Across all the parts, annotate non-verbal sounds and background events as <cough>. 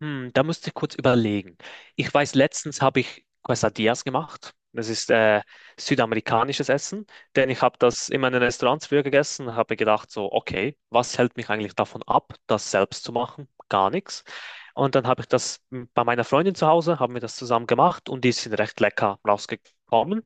Hm, da müsste ich kurz überlegen. Ich weiß, letztens habe ich Quesadillas gemacht. Das ist südamerikanisches Essen, denn ich habe das immer in meinen Restaurants früher gegessen und habe gedacht, so, okay, was hält mich eigentlich davon ab, das selbst zu machen? Gar nichts. Und dann habe ich bei meiner Freundin zu Hause, haben wir das zusammen gemacht und die sind recht lecker rausgekommen.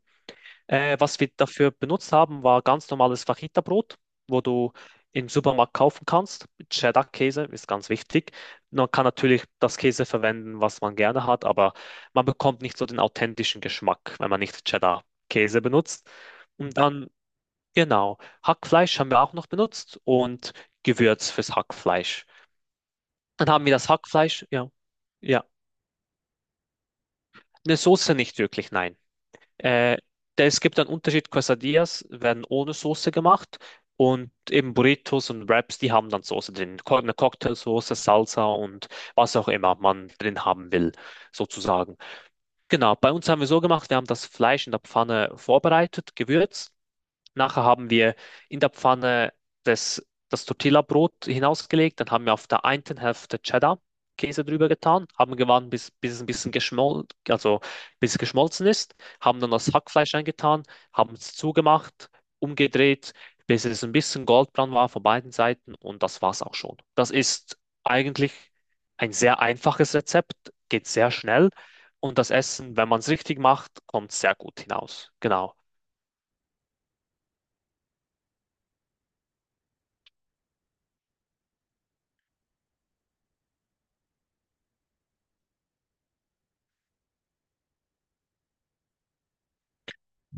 Was wir dafür benutzt haben, war ganz normales Fajita-Brot, wo du im Supermarkt kaufen kannst. Cheddar-Käse ist ganz wichtig. Man kann natürlich das Käse verwenden, was man gerne hat, aber man bekommt nicht so den authentischen Geschmack, wenn man nicht Cheddar-Käse benutzt. Und dann, genau, Hackfleisch haben wir auch noch benutzt und Gewürz fürs Hackfleisch. Dann haben wir das Hackfleisch, ja, ja, eine Soße nicht wirklich, nein. Äh, Es gibt einen Unterschied. Quesadillas werden ohne Soße gemacht und eben Burritos und Wraps, die haben dann Soße drin. Eine Cocktailsoße, Salsa und was auch immer man drin haben will, sozusagen. Genau, bei uns haben wir so gemacht, wir haben das Fleisch in der Pfanne vorbereitet, gewürzt. Nachher haben wir in der Pfanne das Tortilla-Brot hinausgelegt, dann haben wir auf der einen Hälfte Cheddar-Käse drüber getan, haben gewartet, bis es ein bisschen geschmolzen, also bis es geschmolzen ist, haben dann das Hackfleisch eingetan, haben es zugemacht, umgedreht, bis es ein bisschen goldbraun war von beiden Seiten und das war's auch schon. Das ist eigentlich ein sehr einfaches Rezept, geht sehr schnell und das Essen, wenn man es richtig macht, kommt sehr gut hinaus. Genau.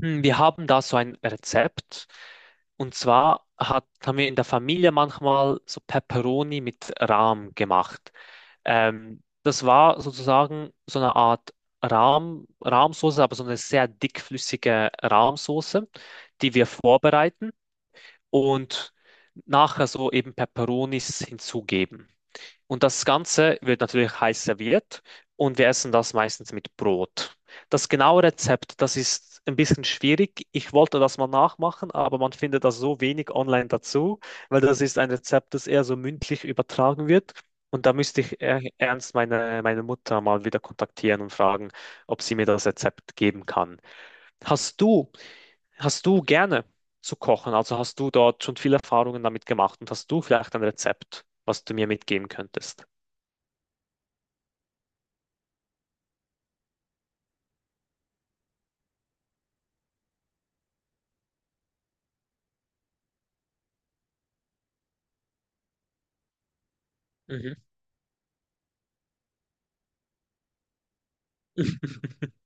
Hm, wir haben da so ein Rezept. Und haben wir in der Familie manchmal so Pepperoni mit Rahm gemacht. Das war sozusagen so eine Art Rahmsoße, aber so eine sehr dickflüssige Rahmsoße, die wir vorbereiten und nachher so eben Pepperonis hinzugeben. Und das Ganze wird natürlich heiß serviert und wir essen das meistens mit Brot. Das genaue Rezept, das ist ein bisschen schwierig. Ich wollte das mal nachmachen, aber man findet das so wenig online dazu, weil das ist ein Rezept, das eher so mündlich übertragen wird. Und da müsste ich meine Mutter mal wieder kontaktieren und fragen, ob sie mir das Rezept geben kann. Hast du, hast du gerne zu kochen? Also hast du dort schon viele Erfahrungen damit gemacht und hast du vielleicht ein Rezept, was du mir mitgeben könntest? Mhm. <laughs>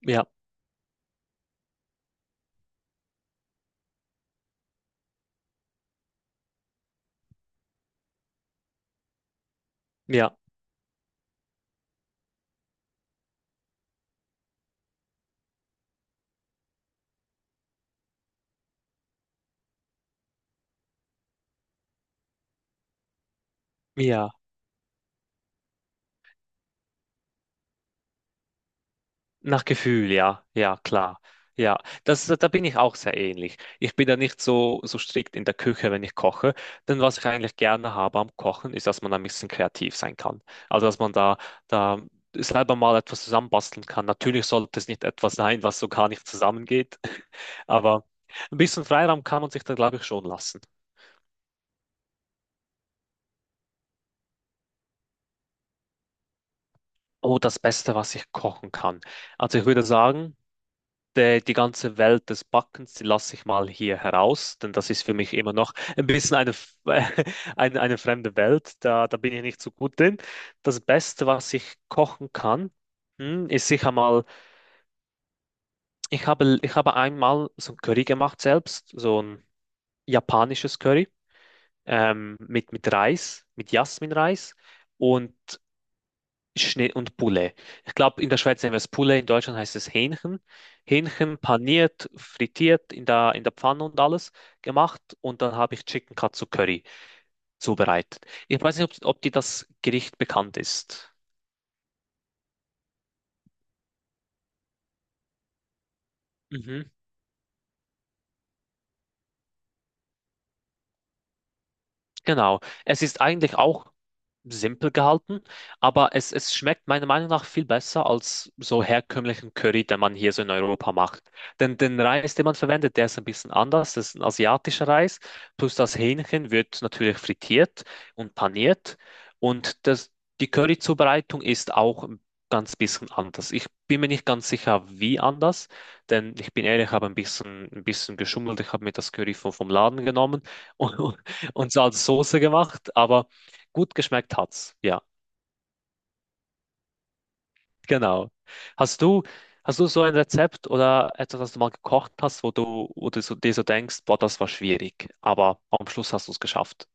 Ja, ja, ja. Nach Gefühl, ja, ja, klar. Ja, das, da bin ich auch sehr ähnlich. Ich bin da nicht so strikt in der Küche, wenn ich koche. Denn was ich eigentlich gerne habe am Kochen, ist, dass man ein bisschen kreativ sein kann. Also, dass man da selber mal etwas zusammenbasteln kann. Natürlich sollte es nicht etwas sein, was so gar nicht zusammengeht. <laughs> Aber ein bisschen Freiraum kann man sich da, glaube ich, schon lassen. Oh, das Beste, was ich kochen kann. Also, ich würde sagen, die ganze Welt des Backens, die lasse ich mal hier heraus, denn das ist für mich immer noch ein bisschen <laughs> eine fremde Welt. Da bin ich nicht so gut drin. Das Beste, was ich kochen kann, hm, ist sicher mal, ich habe einmal so ein Curry gemacht selbst, so ein japanisches Curry mit Reis, mit Jasminreis. Und Schnee und Poulet. Ich glaube, in der Schweiz nennen wir es Poulet, in Deutschland heißt es Hähnchen. Hähnchen paniert, frittiert in in der Pfanne und alles gemacht. Und dann habe ich Chicken Katsu Curry zubereitet. Ich weiß nicht, ob dir das Gericht bekannt ist. Mhm. Genau. Es ist eigentlich auch simpel gehalten, aber es schmeckt meiner Meinung nach viel besser als so herkömmlichen Curry, den man hier so in Europa macht. Denn den Reis, den man verwendet, der ist ein bisschen anders. Das ist ein asiatischer Reis. Plus das Hähnchen wird natürlich frittiert und paniert. Und die Curry-Zubereitung ist auch ein ganz bisschen anders. Ich bin mir nicht ganz sicher, wie anders, denn ich bin ehrlich, ich habe ein bisschen geschummelt. Ich habe mir das Curry vom Laden genommen. <laughs> Und so als Soße gemacht, aber gut geschmeckt hat's. Ja, genau. Hast du, hast du so ein Rezept oder etwas, das du mal gekocht hast, wo du so, dir so denkst, boah, das war schwierig, aber am Schluss hast du es geschafft.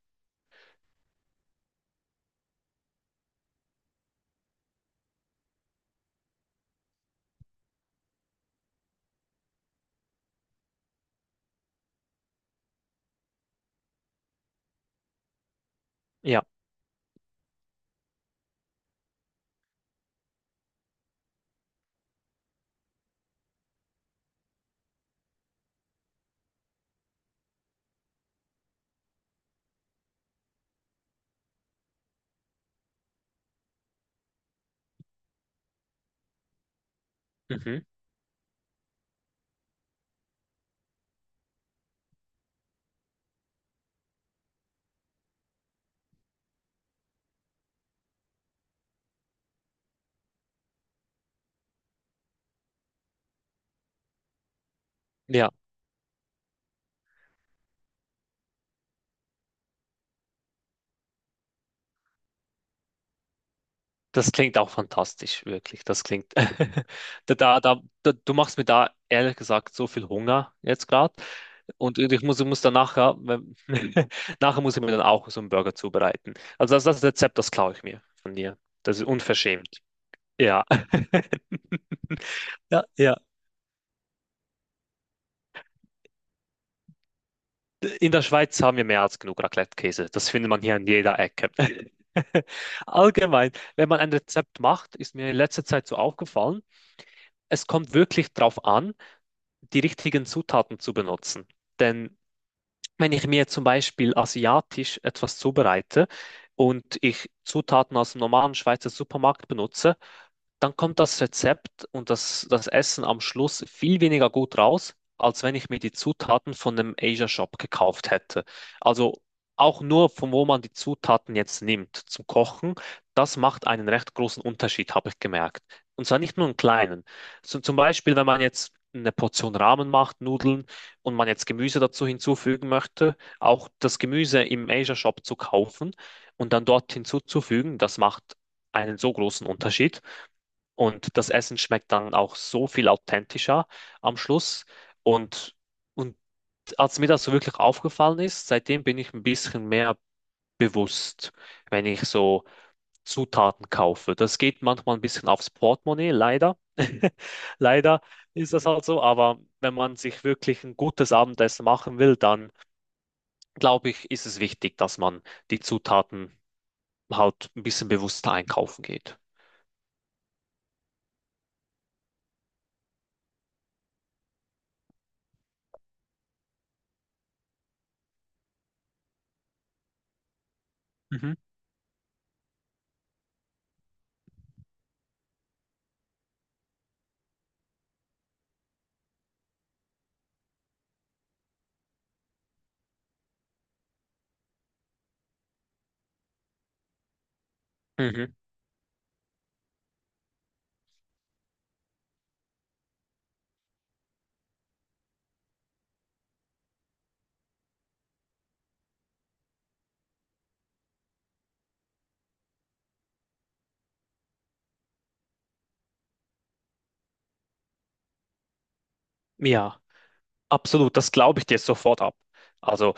Ja, mhm. Ja, das klingt auch fantastisch, wirklich. Das klingt. <laughs> Du machst mir da ehrlich gesagt so viel Hunger jetzt gerade. Und ich muss dann nachher, wenn- <laughs> nachher muss ich mir dann auch so einen Burger zubereiten. Also das Rezept, das klaue ich mir von dir. Das ist unverschämt. Ja. <laughs> Ja, ja. In der Schweiz haben wir mehr als genug Raclette-Käse. Das findet man hier an jeder Ecke. <laughs> Allgemein, wenn man ein Rezept macht, ist mir in letzter Zeit so aufgefallen, es kommt wirklich darauf an, die richtigen Zutaten zu benutzen. Denn wenn ich mir zum Beispiel asiatisch etwas zubereite und ich Zutaten aus dem normalen Schweizer Supermarkt benutze, dann kommt das Rezept und das Essen am Schluss viel weniger gut raus, als wenn ich mir die Zutaten von einem Asia Shop gekauft hätte. Also auch nur von wo man die Zutaten jetzt nimmt zum Kochen, das macht einen recht großen Unterschied, habe ich gemerkt. Und zwar nicht nur einen kleinen. So, zum Beispiel, wenn man jetzt eine Portion Ramen macht, Nudeln und man jetzt Gemüse dazu hinzufügen möchte, auch das Gemüse im Asia Shop zu kaufen und dann dort hinzuzufügen, das macht einen so großen Unterschied. Und das Essen schmeckt dann auch so viel authentischer am Schluss. Und, und als mir das so wirklich aufgefallen ist, seitdem bin ich ein bisschen mehr bewusst, wenn ich so Zutaten kaufe. Das geht manchmal ein bisschen aufs Portemonnaie, leider. <laughs> Leider ist das halt so, aber wenn man sich wirklich ein gutes Abendessen machen will, dann glaube ich, ist es wichtig, dass man die Zutaten halt ein bisschen bewusster einkaufen geht. Mhm. Mhm. Ja. Absolut, das glaube ich dir sofort ab. Also,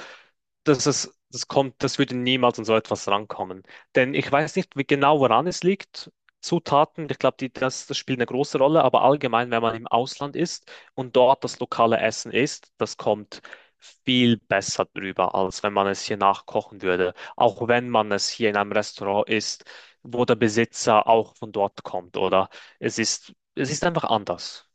das kommt, das würde niemals an so etwas rankommen. Denn ich weiß nicht wie genau, woran es liegt. Zutaten, ich glaube, das spielt eine große Rolle, aber allgemein, wenn man im Ausland ist und dort das lokale Essen isst, das kommt viel besser drüber, als wenn man es hier nachkochen würde. Auch wenn man es hier in einem Restaurant isst, wo der Besitzer auch von dort kommt, oder? Es ist einfach anders.